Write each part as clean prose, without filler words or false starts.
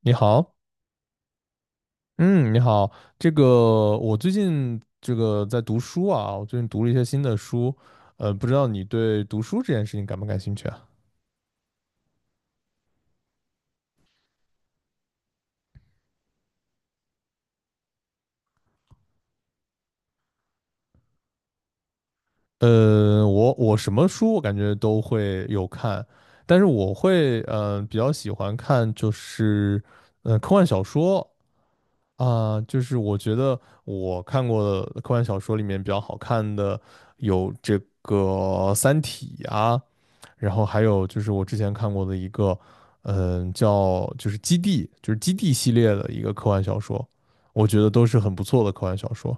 你好。嗯，你好。我最近在读书啊，我最近读了一些新的书。不知道你对读书这件事情感不感兴趣啊？我什么书我感觉都会有看，但是我会比较喜欢看就是科幻小说啊，就是我觉得我看过的科幻小说里面比较好看的有这个《三体》啊。然后还有就是我之前看过的一个，叫就是《基地》，就是《基地》系列的一个科幻小说，我觉得都是很不错的科幻小说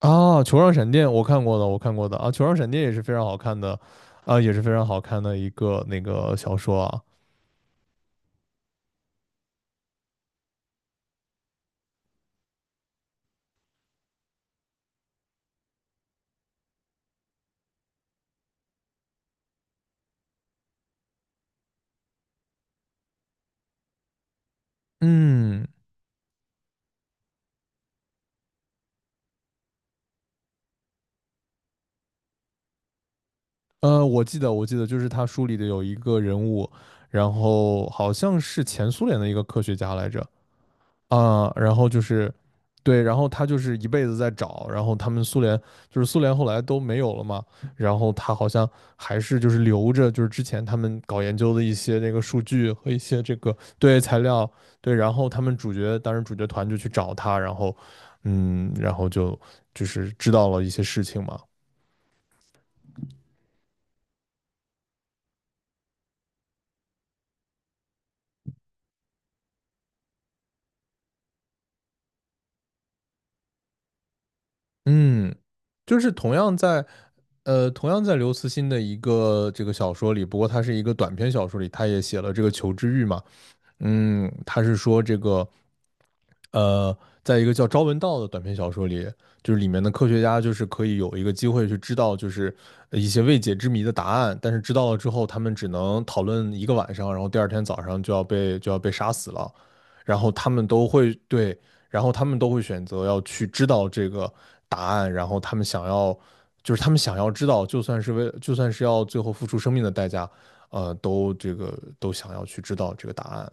啊。《球状闪电》我看过的，我看过的啊，《球状闪电》也是非常好看的，啊，也是非常好看的一个那个小说啊。嗯。我记得就是他书里的有一个人物，然后好像是前苏联的一个科学家来着。啊，然后就是，对，然后他就是一辈子在找。然后他们苏联苏联后来都没有了嘛，然后他好像还是就是留着就是之前他们搞研究的一些那个数据和一些这个对材料。对，然后他们主角团就去找他，然后嗯，然后就是知道了一些事情嘛。嗯，就是同样在。同样在刘慈欣的一个这个小说里，不过他是一个短篇小说里，他也写了这个求知欲嘛。嗯，他是说这个，呃，在一个叫《朝闻道》的短篇小说里，就是里面的科学家就是可以有一个机会去知道，就是一些未解之谜的答案，但是知道了之后，他们只能讨论一个晚上，然后第二天早上就要被杀死了，然后他们都会对，然后他们都会选择要去知道这个答案，然后他们想要，就是他们想要知道，就算是要最后付出生命的代价，呃，都这个都想要去知道这个答案。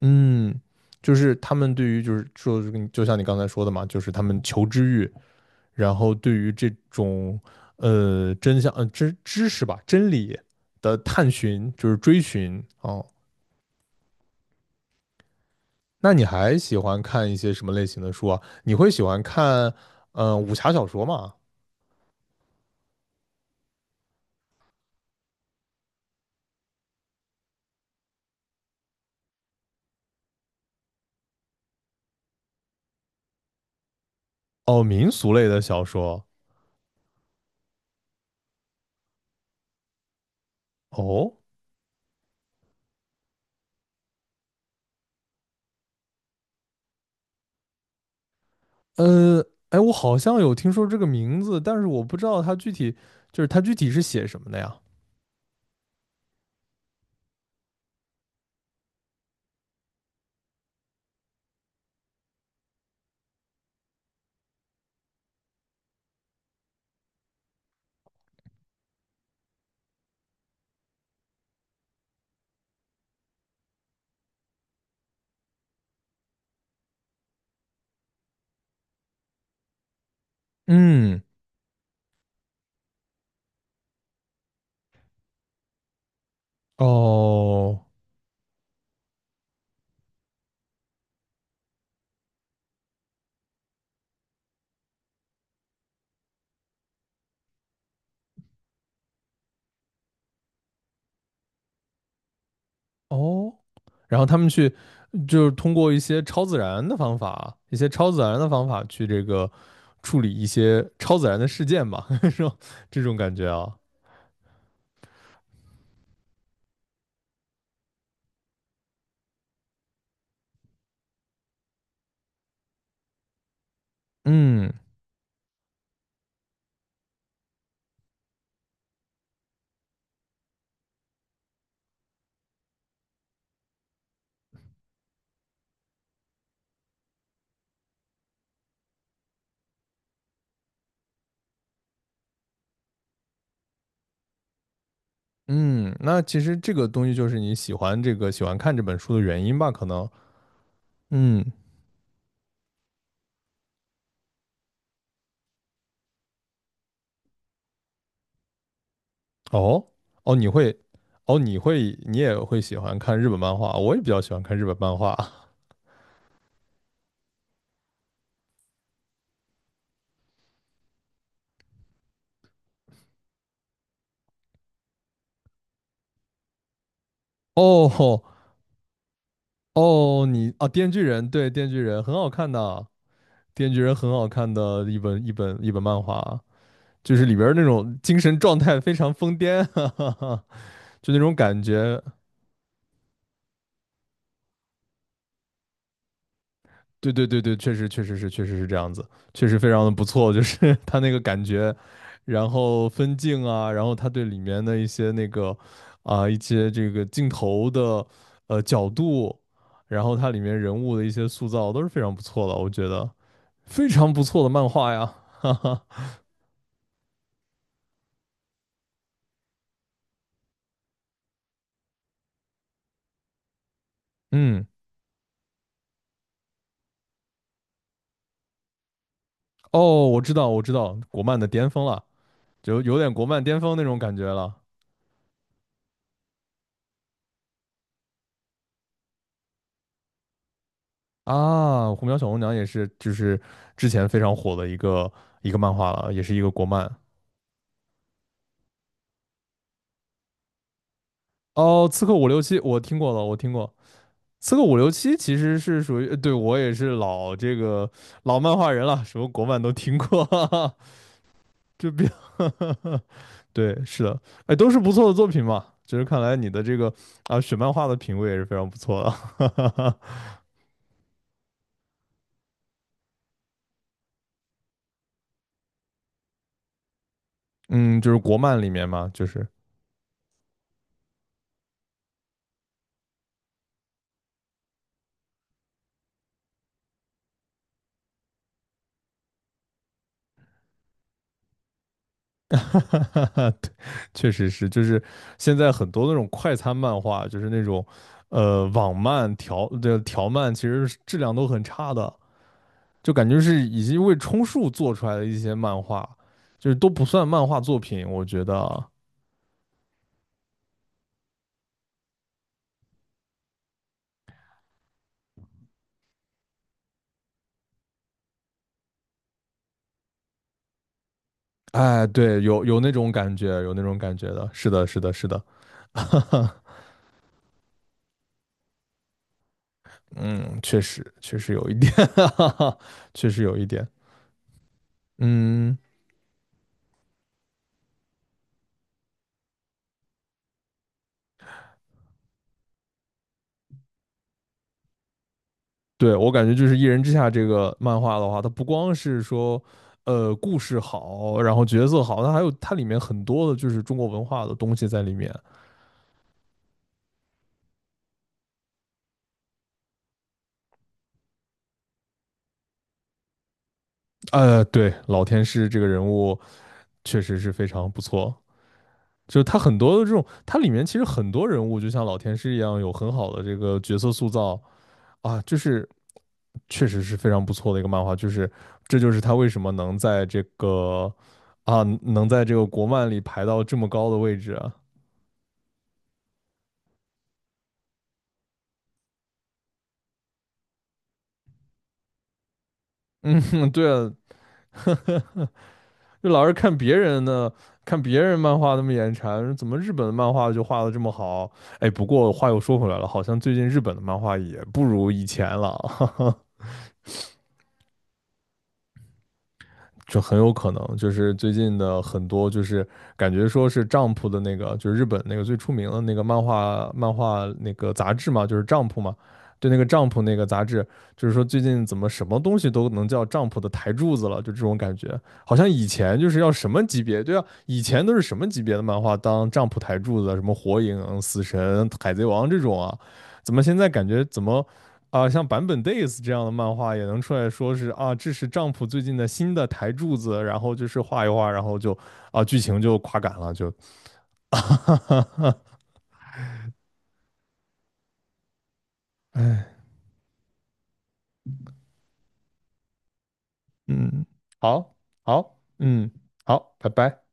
嗯，就是他们对于就是说，就像你刚才说的嘛，就是他们求知欲，然后对于这种真相知识吧真理的探寻，就是追寻哦。那你还喜欢看一些什么类型的书啊？你会喜欢看武侠小说吗？哦，民俗类的小说哦。呃，我好像有听说这个名字，但是我不知道它具体它具体是写什么的呀？嗯。哦。哦，然后他们去通过一些超自然的方法，一些超自然的方法去这个处理一些超自然的事件吧，是吧？这种感觉啊。嗯。嗯，那其实这个东西就是你喜欢这个喜欢看这本书的原因吧，可能。嗯。哦哦，你会哦，你会你也会喜欢看日本漫画，我也比较喜欢看日本漫画。哦哦，你啊，电锯人》对，《电锯人》很好看的，电锯人》很好看的一本一本漫画啊，就是里边儿那种精神状态非常疯癫，哈哈，就那种感觉。对对对对，确实是这样子，确实非常的不错。就是他那个感觉，然后分镜啊，然后他对里面的一些那个啊、一些这个镜头的角度，然后它里面人物的一些塑造都是非常不错的，我觉得非常不错的漫画呀。哈哈。嗯。哦，我知道，我知道，国漫的巅峰了。就有点国漫巅峰那种感觉了。啊！《虎喵小红娘》也是，就是之前非常火的一个一个漫画了，也是一个国漫。哦，《刺客伍六七》我听过了，我听过。《刺客伍六七》其实是属于，呃对，我也是老这个老漫画人了，什么国漫都听过。就比较 对，是的。哎，都是不错的作品嘛。就是看来你的这个选漫画的品味也是非常不错的。嗯，就是国漫里面嘛，就是 哈哈对，确实是，就是现在很多那种快餐漫画，就是那种，呃，网漫调的调漫，其实是质量都很差的，就感觉是已经为充数做出来的一些漫画，就是都不算漫画作品，我觉得。哎，对，有有那种感觉，有那种感觉的，是的，是的，是的。嗯，确实，确实有一点。确实有一点。嗯。对，我感觉就是《一人之下》这个漫画的话，它不光是说，呃，故事好，然后角色好，它还有它里面很多的就是中国文化的东西在里面。对，老天师这个人物确实是非常不错，就是他很多的这种，它里面其实很多人物就像老天师一样，有很好的这个角色塑造啊，就是确实是非常不错的一个漫画，就是这就是他为什么能在这个能在这个国漫里排到这么高的位置啊。嗯。对啊。就老是看别人的，看别人漫画那么眼馋，怎么日本的漫画就画的这么好？哎，不过话又说回来了，好像最近日本的漫画也不如以前了。就很有可能就是最近的很多就是感觉说是 Jump 的那个，就是日本那个最出名的那个漫画那个杂志嘛，就是 Jump 嘛。对那个 Jump 那个杂志，就是说最近怎么什么东西都能叫 Jump 的台柱子了，就这种感觉。好像以前就是要什么级别，对啊，以前都是什么级别的漫画当 Jump 台柱子啊，什么火影、死神、海贼王这种啊，怎么现在感觉怎么？像坂本 days 这样的漫画也能出来说是啊，这是丈夫最近的新的台柱子，然后就是画一画，然后啊，剧情就垮杆了，就，哎。嗯。好，好，嗯。好，拜拜。